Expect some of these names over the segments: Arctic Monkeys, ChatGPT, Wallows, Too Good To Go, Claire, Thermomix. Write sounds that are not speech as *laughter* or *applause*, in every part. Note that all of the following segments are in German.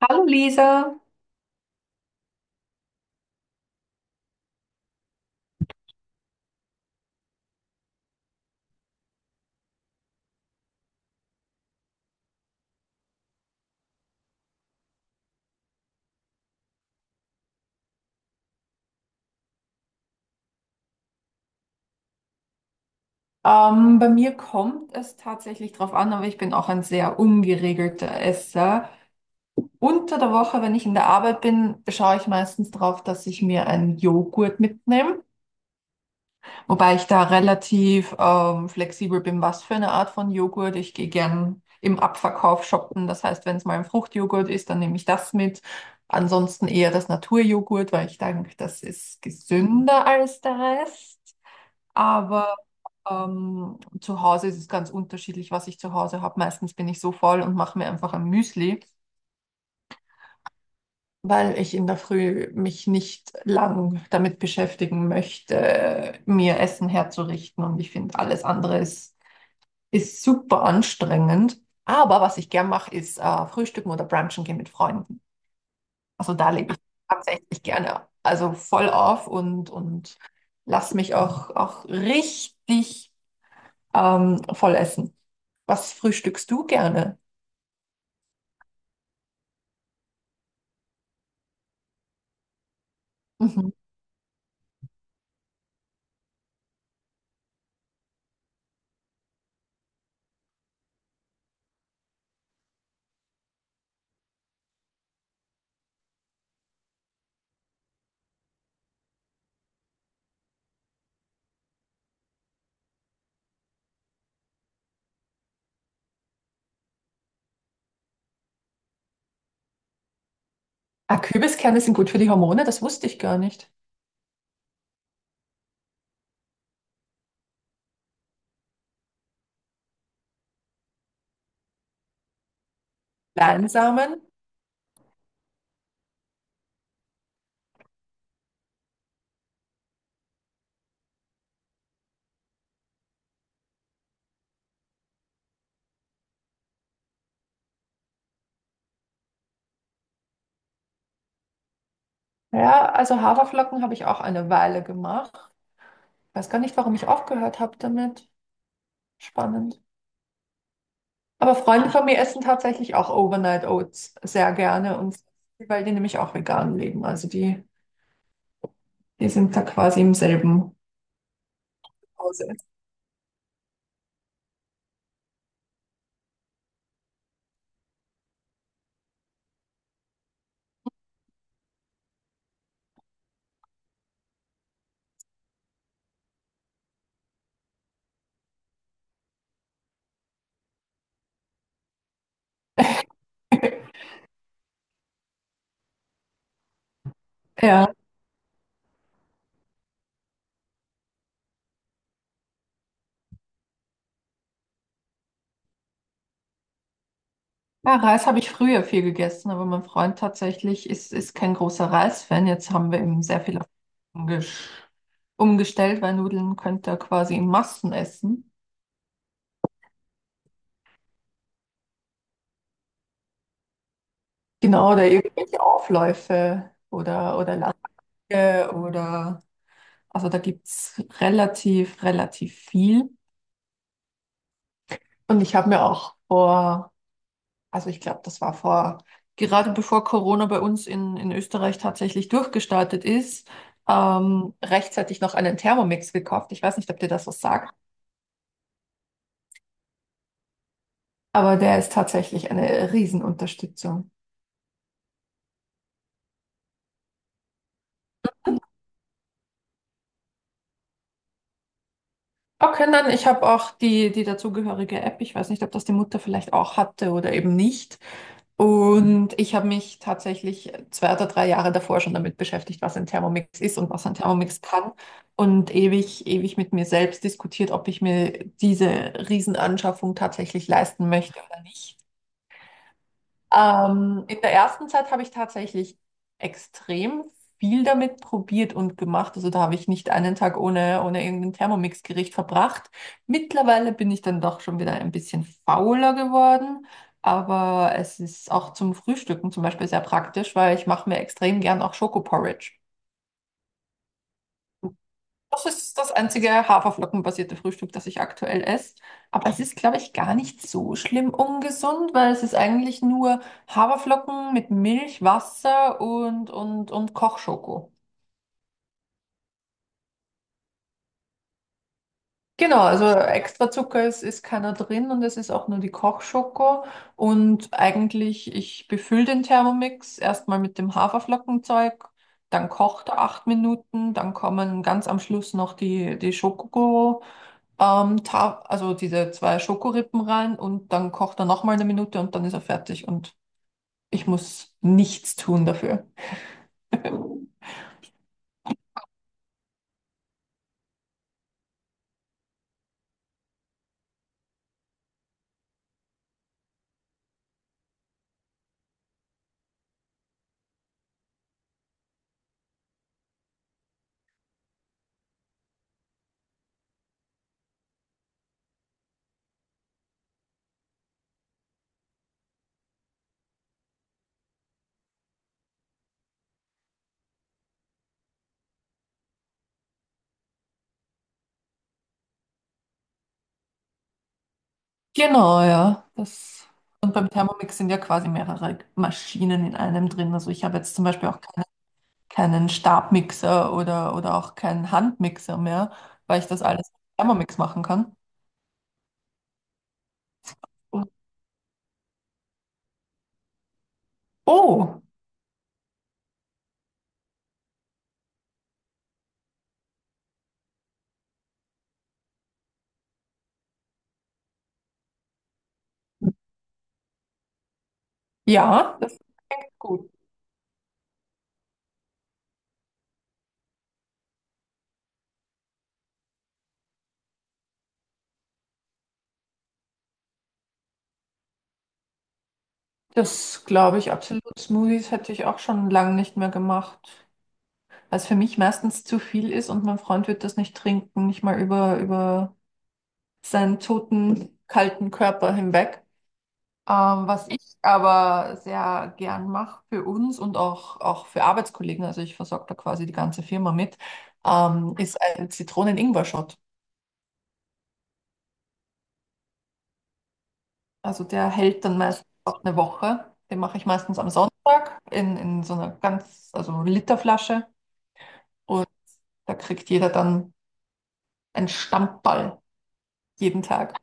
Hallo Lisa, bei mir kommt es tatsächlich drauf an, aber ich bin auch ein sehr ungeregelter Esser. Unter der Woche, wenn ich in der Arbeit bin, schaue ich meistens drauf, dass ich mir einen Joghurt mitnehme, wobei ich da relativ flexibel bin, was für eine Art von Joghurt. Ich gehe gern im Abverkauf shoppen, das heißt, wenn es mal ein Fruchtjoghurt ist, dann nehme ich das mit. Ansonsten eher das Naturjoghurt, weil ich denke, das ist gesünder als der Rest. Aber zu Hause ist es ganz unterschiedlich, was ich zu Hause habe. Meistens bin ich so faul und mache mir einfach ein Müsli, weil ich in der Früh mich nicht lang damit beschäftigen möchte, mir Essen herzurichten. Und ich finde, ist super anstrengend. Aber was ich gern mache, ist Frühstücken oder Brunchen gehen mit Freunden. Also da lebe ich tatsächlich gerne. Also voll auf und lass mich auch richtig voll essen. Was frühstückst du gerne? Mhm. Ah, Kürbiskerne sind gut für die Hormone, das wusste ich gar nicht. Leinsamen, ja, also Haferflocken habe ich auch eine Weile gemacht. Weiß gar nicht, warum ich aufgehört habe damit. Spannend. Aber Freunde von mir essen tatsächlich auch Overnight Oats sehr gerne und weil die nämlich auch vegan leben. Also die sind da quasi im selben Hause. Ja. Ja, Reis habe ich früher viel gegessen, aber mein Freund tatsächlich ist kein großer Reisfan. Jetzt haben wir ihm sehr viel umgesch- umgestellt, weil Nudeln könnt ihr quasi in Massen essen. Genau, oder Mhm. irgendwelche Aufläufe oder Lasagne oder also da gibt es relativ viel. Und ich habe mir auch vor, also ich glaube, das war vor, gerade bevor Corona bei uns in Österreich tatsächlich durchgestartet ist, rechtzeitig noch einen Thermomix gekauft. Ich weiß nicht, ob dir das was sagt, aber der ist tatsächlich eine Riesenunterstützung. Okay, nein, ich habe auch die dazugehörige App. Ich weiß nicht, ob das die Mutter vielleicht auch hatte oder eben nicht. Und ich habe mich tatsächlich 2 oder 3 Jahre davor schon damit beschäftigt, was ein Thermomix ist und was ein Thermomix kann. Und ewig mit mir selbst diskutiert, ob ich mir diese Riesenanschaffung tatsächlich leisten möchte oder nicht. In der ersten Zeit habe ich tatsächlich extrem viel damit probiert und gemacht. Also da habe ich nicht einen Tag ohne irgendein Thermomix-Gericht verbracht. Mittlerweile bin ich dann doch schon wieder ein bisschen fauler geworden. Aber es ist auch zum Frühstücken zum Beispiel sehr praktisch, weil ich mache mir extrem gern auch Schokoporridge. Das ist das einzige haferflockenbasierte Frühstück, das ich aktuell esse. Aber es ist, glaube ich, gar nicht so schlimm ungesund, weil es ist eigentlich nur Haferflocken mit Milch, Wasser und Kochschoko. Genau, also extra ist keiner drin und es ist auch nur die Kochschoko. Und eigentlich, ich befülle den Thermomix erstmal mit dem Haferflockenzeug, dann kocht er 8 Minuten, dann kommen ganz am Schluss noch die Schoko. Ta also diese zwei Schokorippen rein und dann kocht er nochmal eine Minute und dann ist er fertig und ich muss nichts tun dafür. *laughs* Genau, ja. Das. Und beim Thermomix sind ja quasi mehrere Maschinen in einem drin. Also ich habe jetzt zum Beispiel auch keinen Stabmixer oder auch keinen Handmixer mehr, weil ich das alles mit Thermomix machen kann. Und- Oh, ja, das klingt gut. Das glaube ich absolut. Smoothies hätte ich auch schon lange nicht mehr gemacht. Was für mich meistens zu viel ist und mein Freund wird das nicht trinken, nicht mal über seinen toten, kalten Körper hinweg. Was ich aber sehr gern mache für uns und auch für Arbeitskollegen, also ich versorge da quasi die ganze Firma mit, ist ein Zitronen-Ingwer-Shot. Also der hält dann meistens auch 1 Woche. Den mache ich meistens am Sonntag in so einer ganz, also Literflasche und da kriegt jeder dann einen Stammball jeden Tag.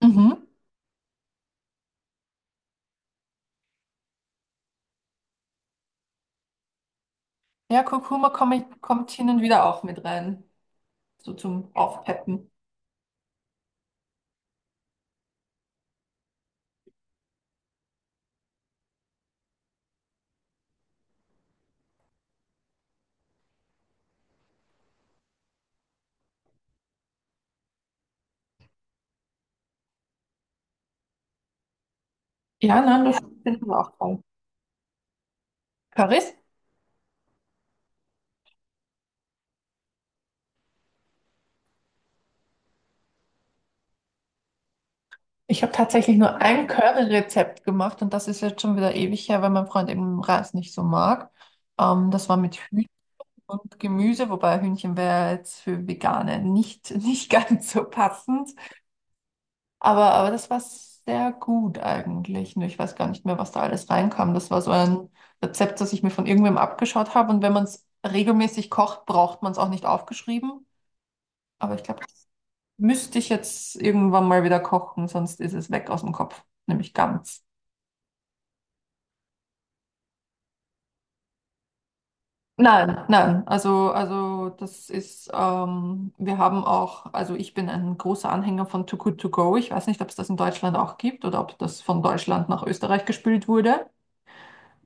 Mhm. Ja, Kurkuma kommt hin und wieder auch mit rein, so zum Aufpeppen. Ja, nein, das finden wir auch toll. Currys? Ich habe tatsächlich nur ein Curry-Rezept gemacht und das ist jetzt schon wieder ewig her, weil mein Freund eben Reis nicht so mag. Das war mit Hühnchen und Gemüse, wobei Hühnchen wäre jetzt für Veganer nicht *laughs* ganz so passend. Aber das war sehr gut eigentlich. Nur ich weiß gar nicht mehr, was da alles reinkam. Das war so ein Rezept, das ich mir von irgendwem abgeschaut habe. Und wenn man es regelmäßig kocht, braucht man es auch nicht aufgeschrieben. Aber ich glaube, das müsste ich jetzt irgendwann mal wieder kochen, sonst ist es weg aus dem Kopf. Nämlich ganz. Nein, nein. Also das ist, wir haben auch, also ich bin ein großer Anhänger von Too Good To Go. Ich weiß nicht, ob es das in Deutschland auch gibt oder ob das von Deutschland nach Österreich gespült wurde.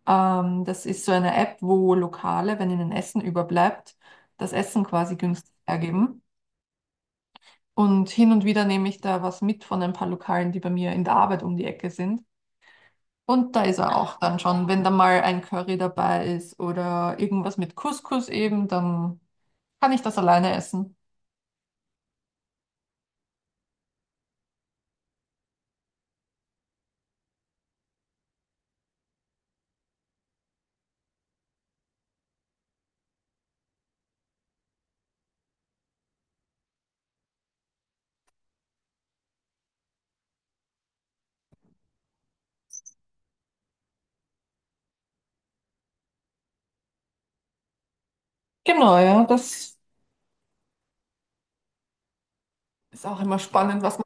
Das ist so eine App, wo Lokale, wenn ihnen Essen überbleibt, das Essen quasi günstig hergeben. Und hin und wieder nehme ich da was mit von ein paar Lokalen, die bei mir in der Arbeit um die Ecke sind. Und da ist er auch dann schon, wenn da mal ein Curry dabei ist oder irgendwas mit Couscous eben, dann kann ich das alleine essen. Genau, ja, das ist auch immer spannend, was man.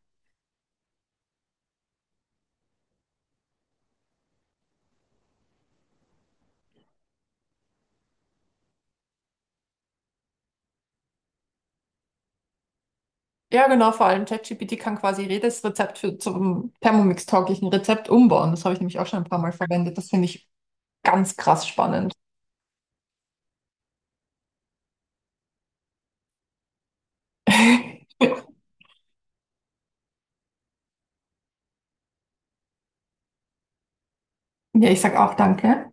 Ja, genau, vor allem ChatGPT kann quasi jedes Rezept zum Thermomix-tauglichen Rezept umbauen. Das habe ich nämlich auch schon ein paar Mal verwendet. Das finde ich ganz krass spannend. *laughs* Ja, ich sag auch danke.